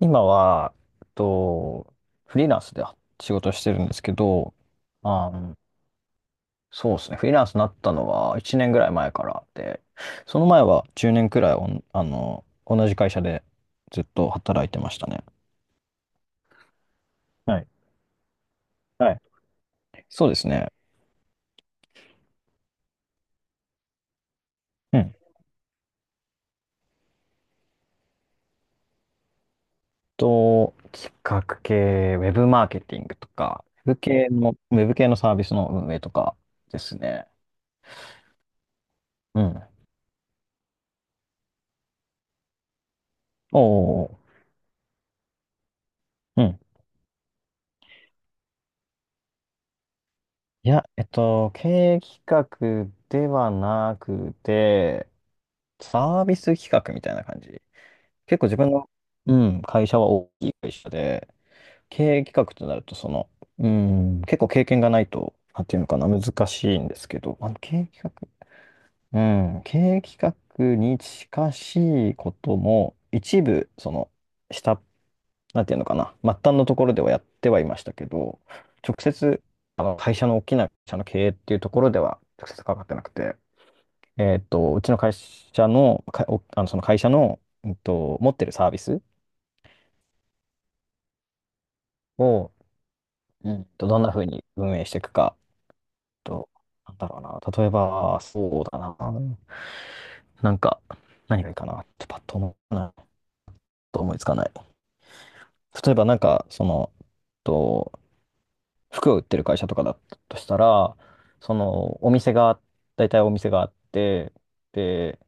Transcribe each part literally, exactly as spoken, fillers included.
今は、えっと、フリーランスで仕事してるんですけど、あの、そうですね、フリーランスになったのはいちねんぐらい前からで、その前はじゅうねんくらいおん、あの、同じ会社でずっと働いてましたね。はい。はい、そうですね。うん。と、企画系、ウェブマーケティングとか、ウェブ系の、ウェブ系のサービスの運営とかですね。うん。おーおーおーいや、えっと、経営企画ではなくて、サービス企画みたいな感じ。結構自分の、うん、会社は大きい会社で、経営企画となると、その、うん、結構経験がないと、なんていうのかな、難しいんですけど、あの、経営企画、うん、経営企画に近しいことも、一部、その、下っなんていうのかな、末端のところではやってはいましたけど、直接、あの会社の大きな会社の経営っていうところでは直接関わってなくて、えっと、うちの会社の、か、おあの、その会社の、うんと、持ってるサービスを、うんと、どんなふうに運営していくか、と、なんだろうな、例えば、そうだな、なんか、何がいいかな、ちょっとパッと思うな、と思いつかない。例えば、なんか、その、と服を売ってる会社とかだったとしたら、そのお店が、大体お店があって、で、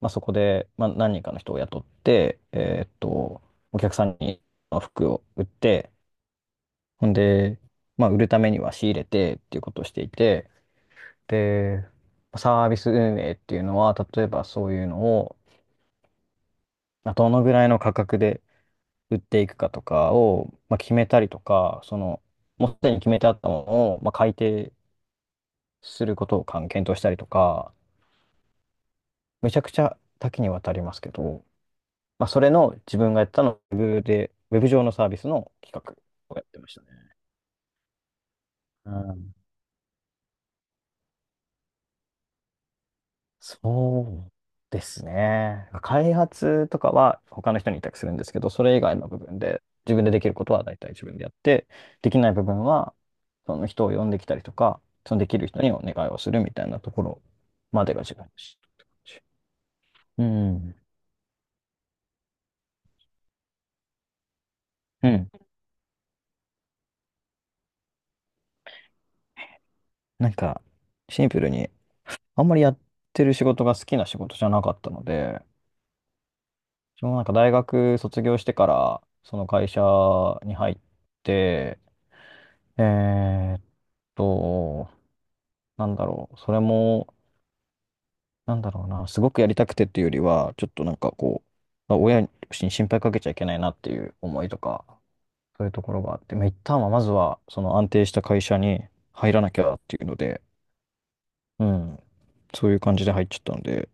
まあ、そこで、まあ、何人かの人を雇って、えーっと、お客さんに服を売って、ほんで、まあ、売るためには仕入れてっていうことをしていて、で、サービス運営っていうのは、例えばそういうのを、まあどのぐらいの価格で売っていくかとかを、まあ、決めたりとか、その、もうすでに決めてあったものを、まあ、改定することをかん検討したりとか、めちゃくちゃ多岐にわたりますけど、まあ、それの自分がやったの、ウェブで、ウェブ上のサービスの企画をやってましたね。うん、そうですね。開発とかは他の人に委託するんですけど、それ以外の部分で、自分でできることは大体自分でやって、できない部分は、その人を呼んできたりとか、そのできる人にお願いをするみたいなところまでが自分でしたって感じ。うん。うん。なんか、シンプルにあんまりやってる仕事が好きな仕事じゃなかったので、そのなんか大学卒業してから、その会社に入って、えーっと、なんだろう、それも、なんだろうな、すごくやりたくてっていうよりは、ちょっとなんかこう、親に心配かけちゃいけないなっていう思いとか、そういうところがあって、まあ、一旦はまずは、その安定した会社に入らなきゃっていうので、うん、そういう感じで入っちゃったので、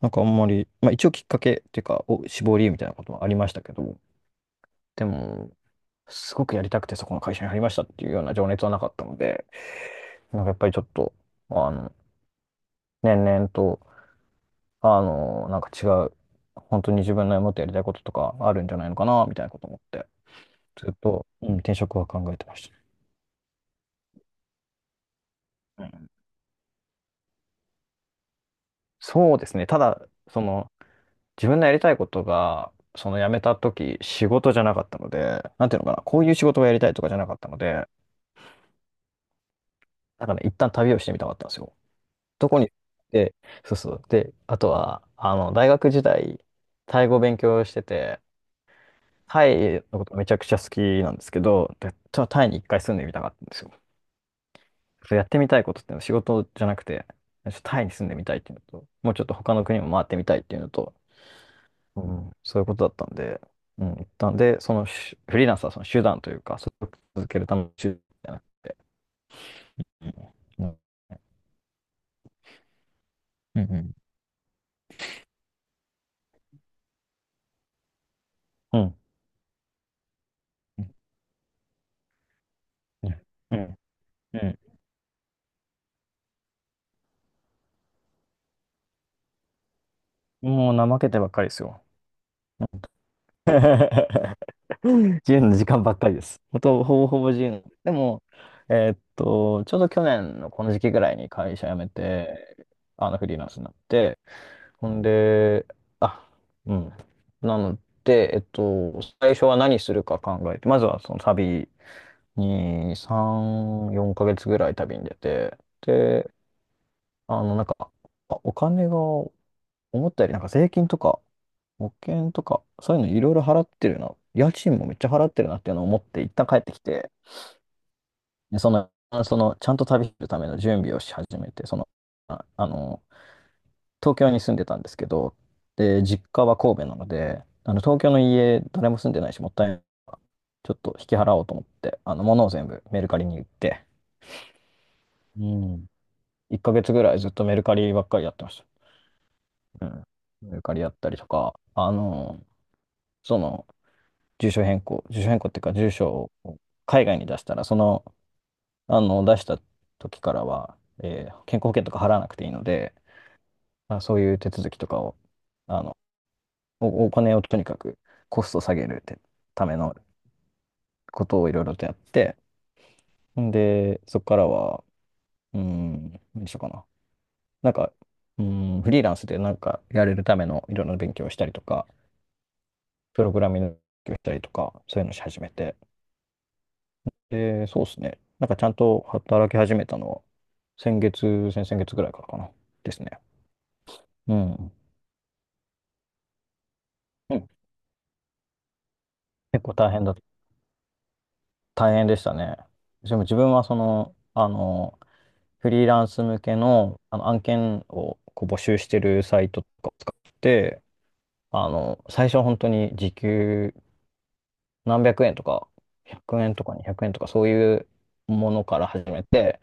なんかあんまり、まあ一応きっかけっていうか、お、志望理由みたいなこともありましたけど、でも、すごくやりたくてそこの会社に入りましたっていうような情熱はなかったので、なんかやっぱりちょっと、あの、年々と、あの、なんか違う、本当に自分のもっとやりたいこととかあるんじゃないのかな、みたいなこと思って、ずっと、うん、転職は考えてました。うん、そうですね。ただ、その、自分のやりたいことが、その辞めた時、仕事じゃなかったので、なんていうのかな、こういう仕事をやりたいとかじゃなかったので、だからね、一旦旅をしてみたかったんですよ。どこに、で、そうそう。で、あとは、あの、大学時代、タイ語勉強してて、タイのことめちゃくちゃ好きなんですけど、で、ちょっとタイに一回住んでみたかったんですよ。そうやってみたいことっていうのは仕事じゃなくて、ちょっとタイに住んでみたいっていうのと、もうちょっと他の国も回ってみたいっていうのと、うん、そういうことだったんで、うん、一旦で、そのしフリーランスはその手段というか、それを続けるための手段じゃなくて、うん、うん、うん、うん、うん、うん、うんうん、もう怠けてばっかりですよ。自由の時間ばっかりです。ほと、ほぼほぼ自由の。でも、えーっと、ちょうど去年のこの時期ぐらいに会社辞めて、あの、フリーランスになって、ほんで、あ、うん。なので、えっと、最初は何するか考えて、まずはその旅にさん、よんかげつぐらい旅に出て、で、あの、なんか、あお金が思ったよりなんか税金とか、保険とか、そういうのいろいろ払ってるな。家賃もめっちゃ払ってるなっていうのを思って、一旦帰ってきて、でその、その、ちゃんと旅するための準備をし始めて、その、あ、あの、東京に住んでたんですけど、で、実家は神戸なので、あの、東京の家、誰も住んでないし、もったいないからちょっと引き払おうと思って、あの、物を全部メルカリに売って、うん。いっかげつぐらいずっとメルカリばっかりやってました。うん。メルカリやったりとか、あの、その、住所変更、住所変更っていうか、住所を海外に出したら、その、あの、出した時からは、えー健康保険とか払わなくていいので、まあ、そういう手続きとかを、あの、お、お金をとにかくコストを下げるってためのことをいろいろとやって、んで、そこからは、うーん、何しようかな。なんか、うーん、フリーランスでなんかやれるためのいろんな勉強をしたりとか、プログラミングをしたりとか、そういうのし始めて、で、そうですね。なんかちゃんと働き始めたのは、先月、先々月ぐらいからかな。ですね。うん。うん。結構大変だ、大変でしたね。でも自分はその、あの、フリーランス向けの、あの案件をこう募集してるサイトとかを使って、あの、最初は本当に時給何百円とか、ひゃくえんとかにひゃくえんとかそういうものから始めて、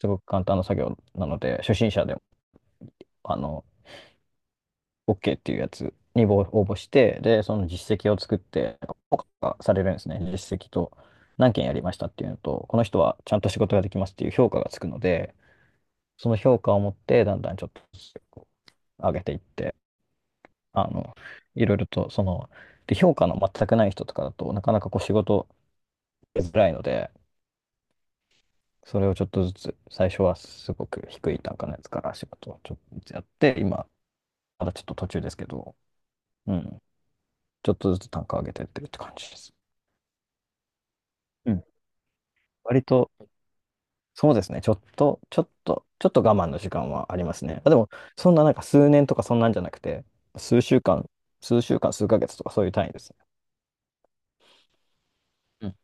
すごく簡単な作業なので、初心者でも、あの、オーケー っていうやつに応応募して、で、その実績を作って、評価されるんですね。実績と、何件やりましたっていうのと、この人はちゃんと仕事ができますっていう評価がつくので、その評価を持って、だんだんちょっとずつこう上げていって、あの、いろいろと、その、で、評価の全くない人とかだとなかなかこう仕事しづらいので、それをちょっとずつ、最初はすごく低い単価のやつから仕事をちょっとずつやって、今、まだちょっと途中ですけど、うん、ちょっとずつ単価上げてってるって感じです。うん、割と、そうですね。ちょっと、ちょっと、ちょっと我慢の時間はありますね。あ、でも、そんななんか数年とかそんなんじゃなくて、数週間、数週間、数ヶ月とかそういう単位ですね。うん。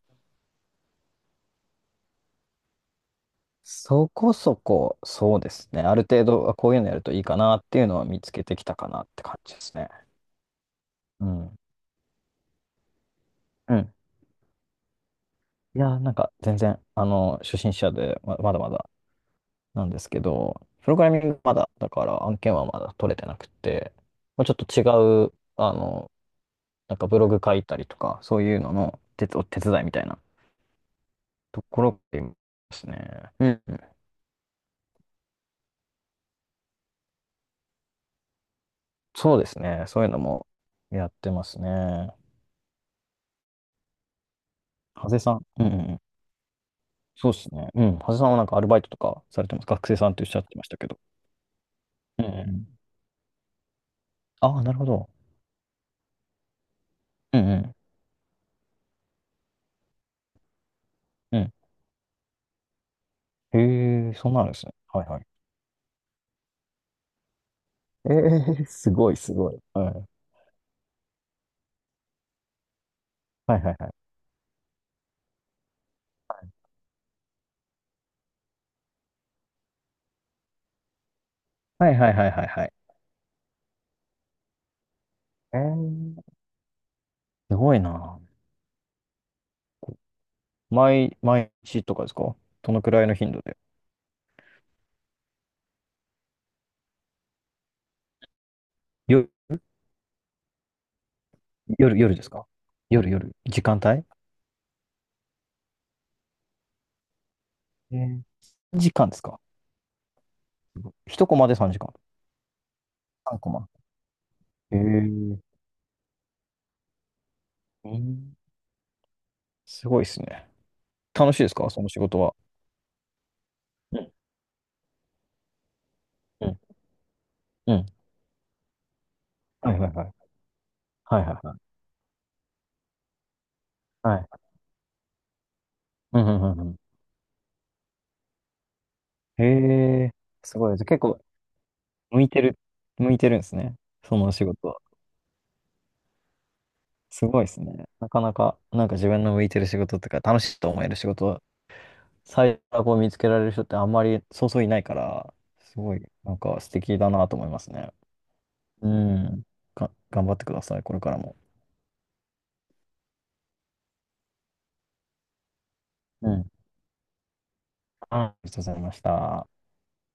そこそこ、そうですね。ある程度、あこういうのやるといいかなっていうのは見つけてきたかなって感じですね。うん。うん。いやー、なんか全然、あの、初心者でま、まだまだなんですけど、プログラミングまだ、だから案件はまだ取れてなくて、まあ、ちょっと違う、あの、なんかブログ書いたりとか、そういうのの手つ、お手伝いみたいなところでますね。うんうん。そうですね。そういうのもやってますね。ハゼさん。うんうんうん。そうですね。うん。ハゼさんはなんかアルバイトとかされてます？学生さんっておっしゃってましたけど。うんうん。ああ、なるほど。うんうん。うん。へえ、そんなのですね。はいはい。ええ、すごいすごい。はい。はいはいはい。はいはいはいはいはい。えー、すごいな。毎、毎日とかですか？どのくらいの頻度で？夜、夜ですか？夜、夜。時間帯？えー時間ですか？ いち コマでさんじかん。さんコマ。えー、うん、すごいですね。楽しいですかその仕事は？うんうんうん、はいはいはい。はいはいはい。はい。うんうんうんうん。へえ、すごいです。結構、向いてる、向いてるんですね。その仕事は。すごいですね。なかなか、なんか自分の向いてる仕事とか、楽しいと思える仕事は、最悪を見つけられる人ってあんまりそうそういないから、すごい、なんか素敵だなと思いますね。うん。が、頑張ってください、これからも。うん。ありがとうございました。